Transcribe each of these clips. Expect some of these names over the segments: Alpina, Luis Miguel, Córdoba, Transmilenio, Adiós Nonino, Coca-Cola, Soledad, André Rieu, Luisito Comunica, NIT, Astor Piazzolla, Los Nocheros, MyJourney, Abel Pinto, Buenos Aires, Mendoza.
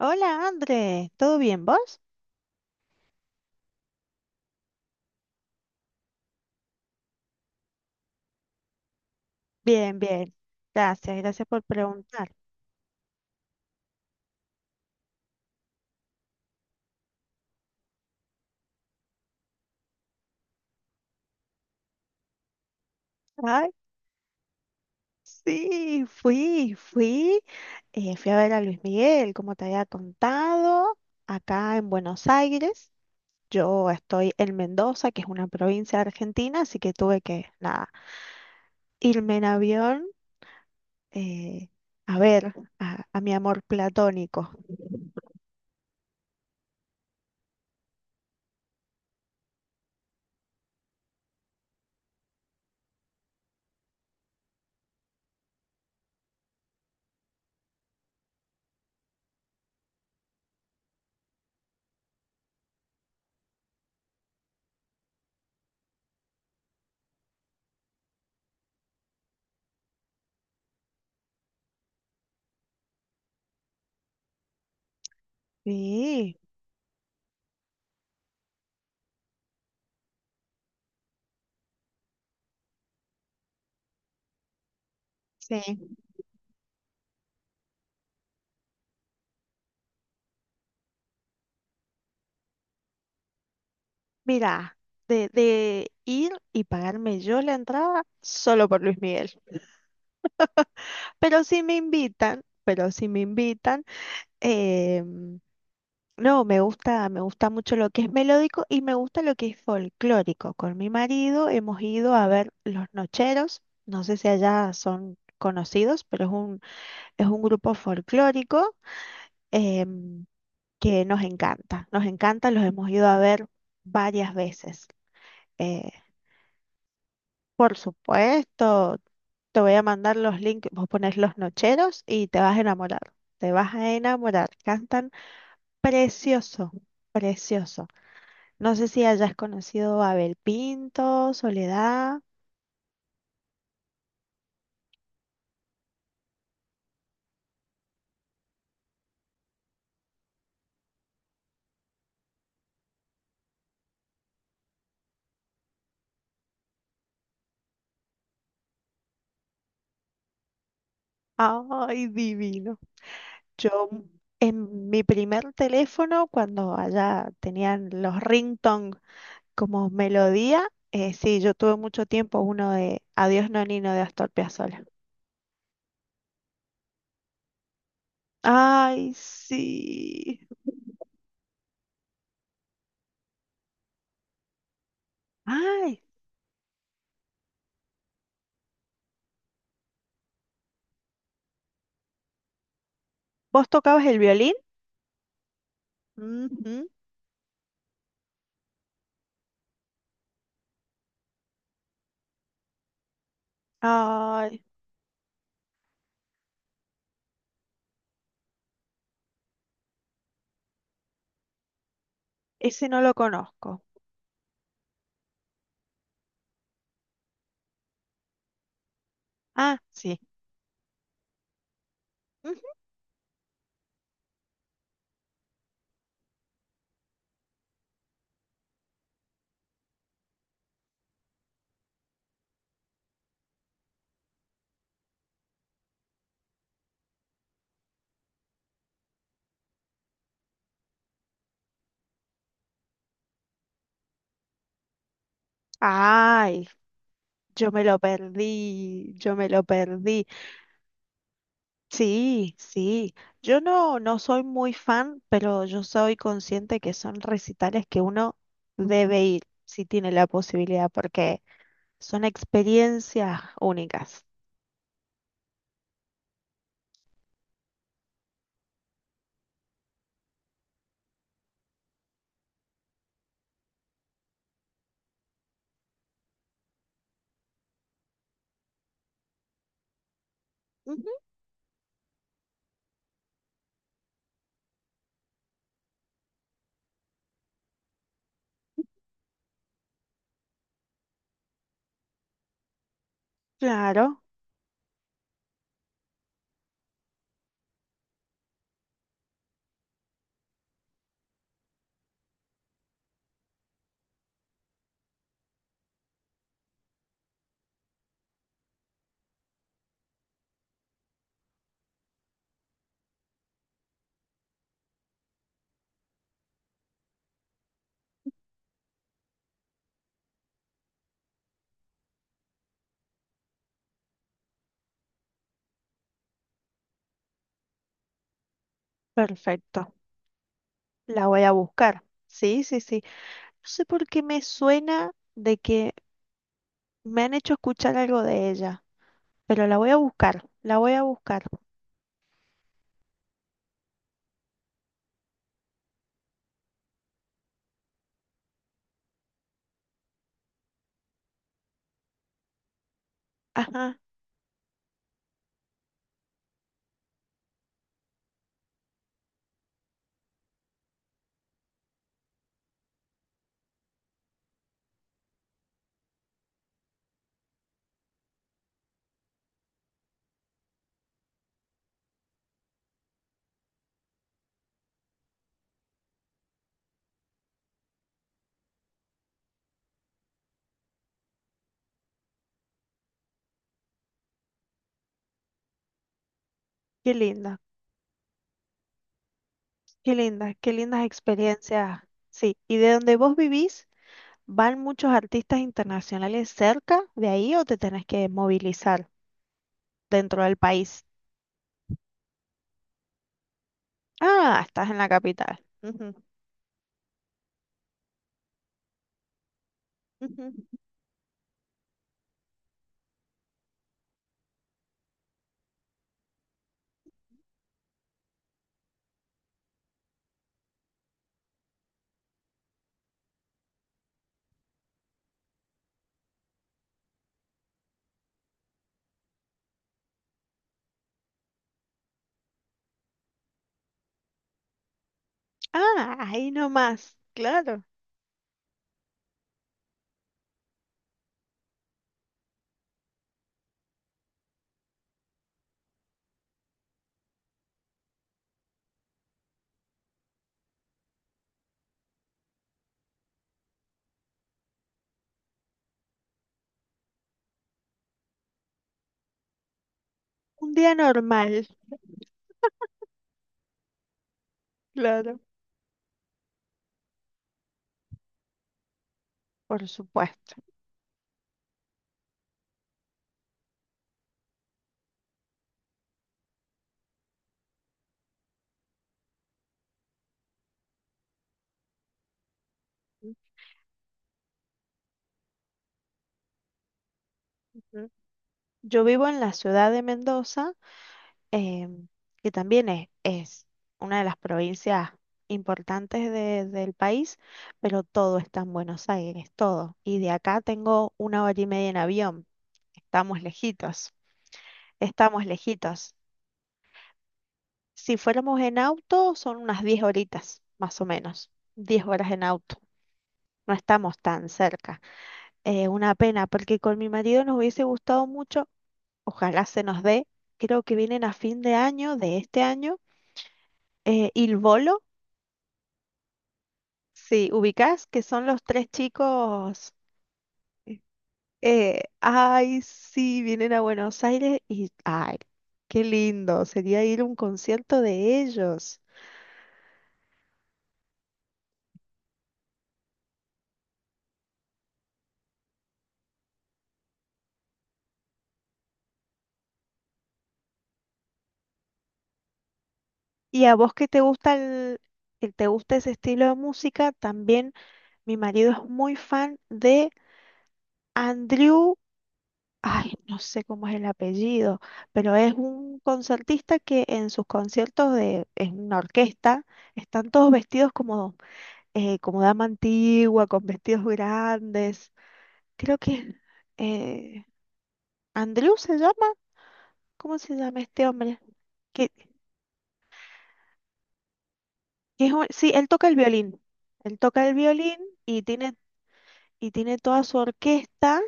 Hola, André. ¿Todo bien, vos? Bien, bien. Gracias, gracias por preguntar. Ay, sí, fui, fui. Fui a ver a Luis Miguel, como te había contado, acá en Buenos Aires. Yo estoy en Mendoza, que es una provincia de Argentina, así que tuve que, nada, irme en avión eh, a ver a mi amor platónico. Sí, sí. Mira, de ir y pagarme yo la entrada solo por Luis Miguel. Pero si me invitan, pero si me invitan, em, no, me gusta mucho lo que es melódico y me gusta lo que es folclórico. Con mi marido hemos ido a ver Los Nocheros, no sé si allá son conocidos, pero es un grupo folclórico em, que nos encanta, los hemos ido a ver varias veces. eh, Por supuesto, te voy a mandar los links, vos pones los nocheros y te vas a enamorar, te vas a enamorar, cantan precioso, precioso. No sé si hayas conocido a Abel Pinto, Soledad, ay, divino. Yo en mi primer teléfono, cuando allá tenían los ringtone como melodía, sí, yo tuve mucho tiempo uno de Adiós Nonino de Astor Piazzolla. Ay, sí. Ay, ¿vos tocabas el violín? Ujú. Ay, ese no lo conozco. Ah, sí. Ujú. Ay, yo me lo perdí, yo me lo perdí. Sí, sí. Yo no soy muy fan, pero yo soy consciente que son recitales que uno debe ir si tiene la posibilidad, porque son experiencias únicas. Ujú. Claro, perfecto. La voy a buscar. Sí, sí, sí. No sé por qué me suena de que me han hecho escuchar algo de ella, pero la voy a buscar, la voy a buscar. Ajá, qué linda, qué linda, qué lindas experiencias. Sí, ¿y de donde vos vivís, van muchos artistas internacionales cerca de ahí o te tenés que movilizar dentro del país? Ah, estás en la capital. Ujú, ujú. Ah, ahí nomás, claro. Un día normal, claro, por supuesto. Ujú. Yo vivo en la ciudad de Mendoza em, que también es una de las provincias importantes de- del país, pero todo está en Buenos Aires, todo. Y de acá tengo 1 hora y media en avión. Estamos lejitos, estamos lejitos. Si fuéramos en auto, son unas 10 horitas, más o menos. 10 horas en auto. No estamos tan cerca. Una pena, porque con mi marido nos hubiese gustado mucho, ojalá se nos dé. Creo que vienen a fin de año, de este año, Il Sí, ubicás que son los tres chicos. Ay, sí, vienen a Buenos Aires Ay, qué lindo. Sería ir a un concierto de ellos. Y a vos que te gusta te gusta ese estilo de música, también mi marido es muy fan de Andrew. Ay, no sé cómo es el apellido, pero es un concertista que en sus conciertos de, en una orquesta, están todos vestidos como como dama antigua, con vestidos grandes. Creo que eh, Andrew se llama, ¿cómo se llama este hombre? Que, que es un- sí, él toca el violín. Él toca el violín y tiene toda su orquesta,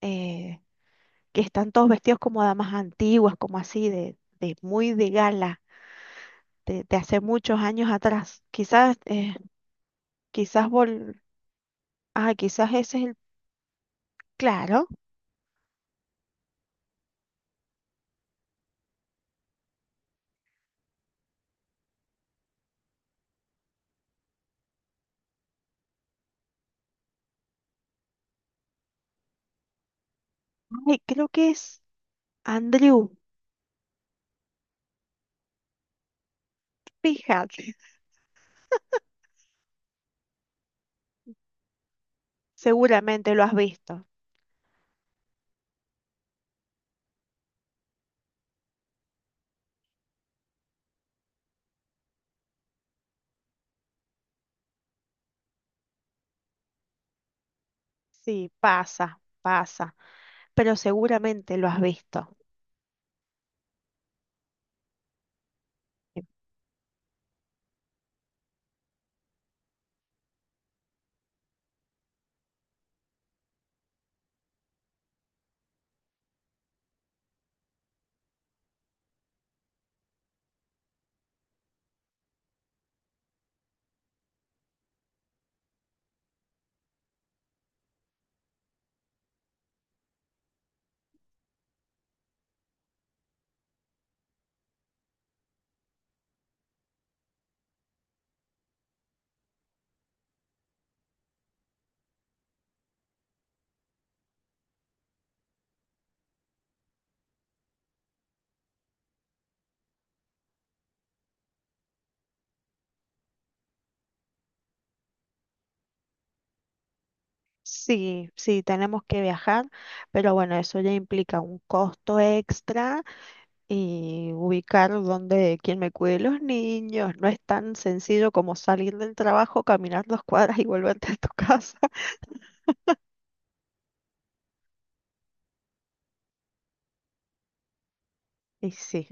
eh, que están todos vestidos como damas antiguas, como así, de muy de gala, de hace muchos años atrás. Quizás, quizás vol- ah, quizás ese es el, claro. Ay, creo que es Andrew. Fíjate. Seguramente lo has visto. Sí, pasa, pasa, pero seguramente lo has visto. Sí, sí, tenemos que viajar, pero bueno, eso ya implica un costo extra y ubicar donde quien me cuide los niños. No es tan sencillo como salir del trabajo, caminar dos cuadras y volverte a tu casa. Y sí.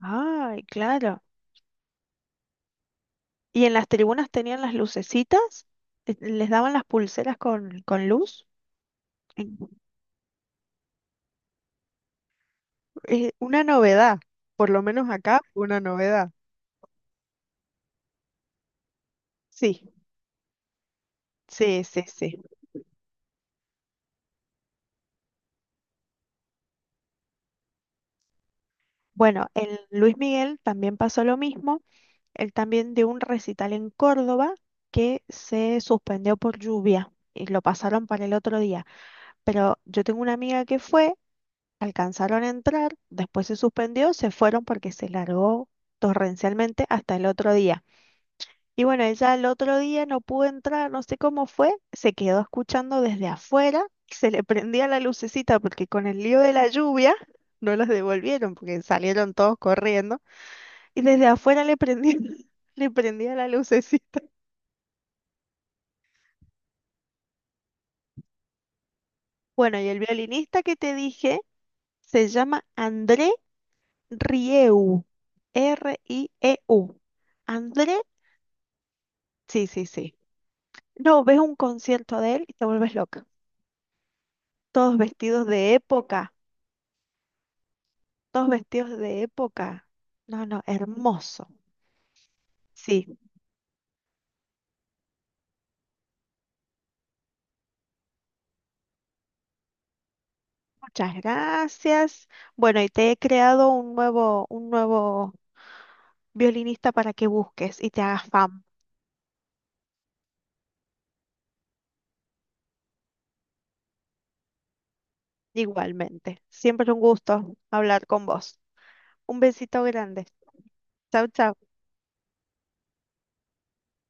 Ay, claro. ¿Y en las tribunas tenían las lucecitas? ¿Les daban las pulseras con, luz? Es una novedad, por lo menos acá, una novedad. Sí, sí, sí, sí. Bueno, el Luis Miguel también pasó lo mismo. Él también dio un recital en Córdoba que se suspendió por lluvia y lo pasaron para el otro día. Pero yo tengo una amiga que fue, alcanzaron a entrar, después se suspendió, se fueron porque se largó torrencialmente hasta el otro día. Y bueno, ella el otro día no pudo entrar, no sé cómo fue, se quedó escuchando desde afuera, se le prendía la lucecita porque con el lío de la lluvia no las devolvieron porque salieron todos corriendo y desde afuera le prendía, le prendía la lucecita. Bueno, y el violinista que te dije se llama André Rieu, Rieu. André, sí, sí, sí. No, ves un concierto de él y te vuelves loca. Todos vestidos de época. Todos vestidos de época. No, no, hermoso. Sí, muchas gracias. Bueno, y te he creado un nuevo violinista para que busques y te hagas fan igualmente. Siempre un gusto hablar con vos. Un besito grande. Chau, chau.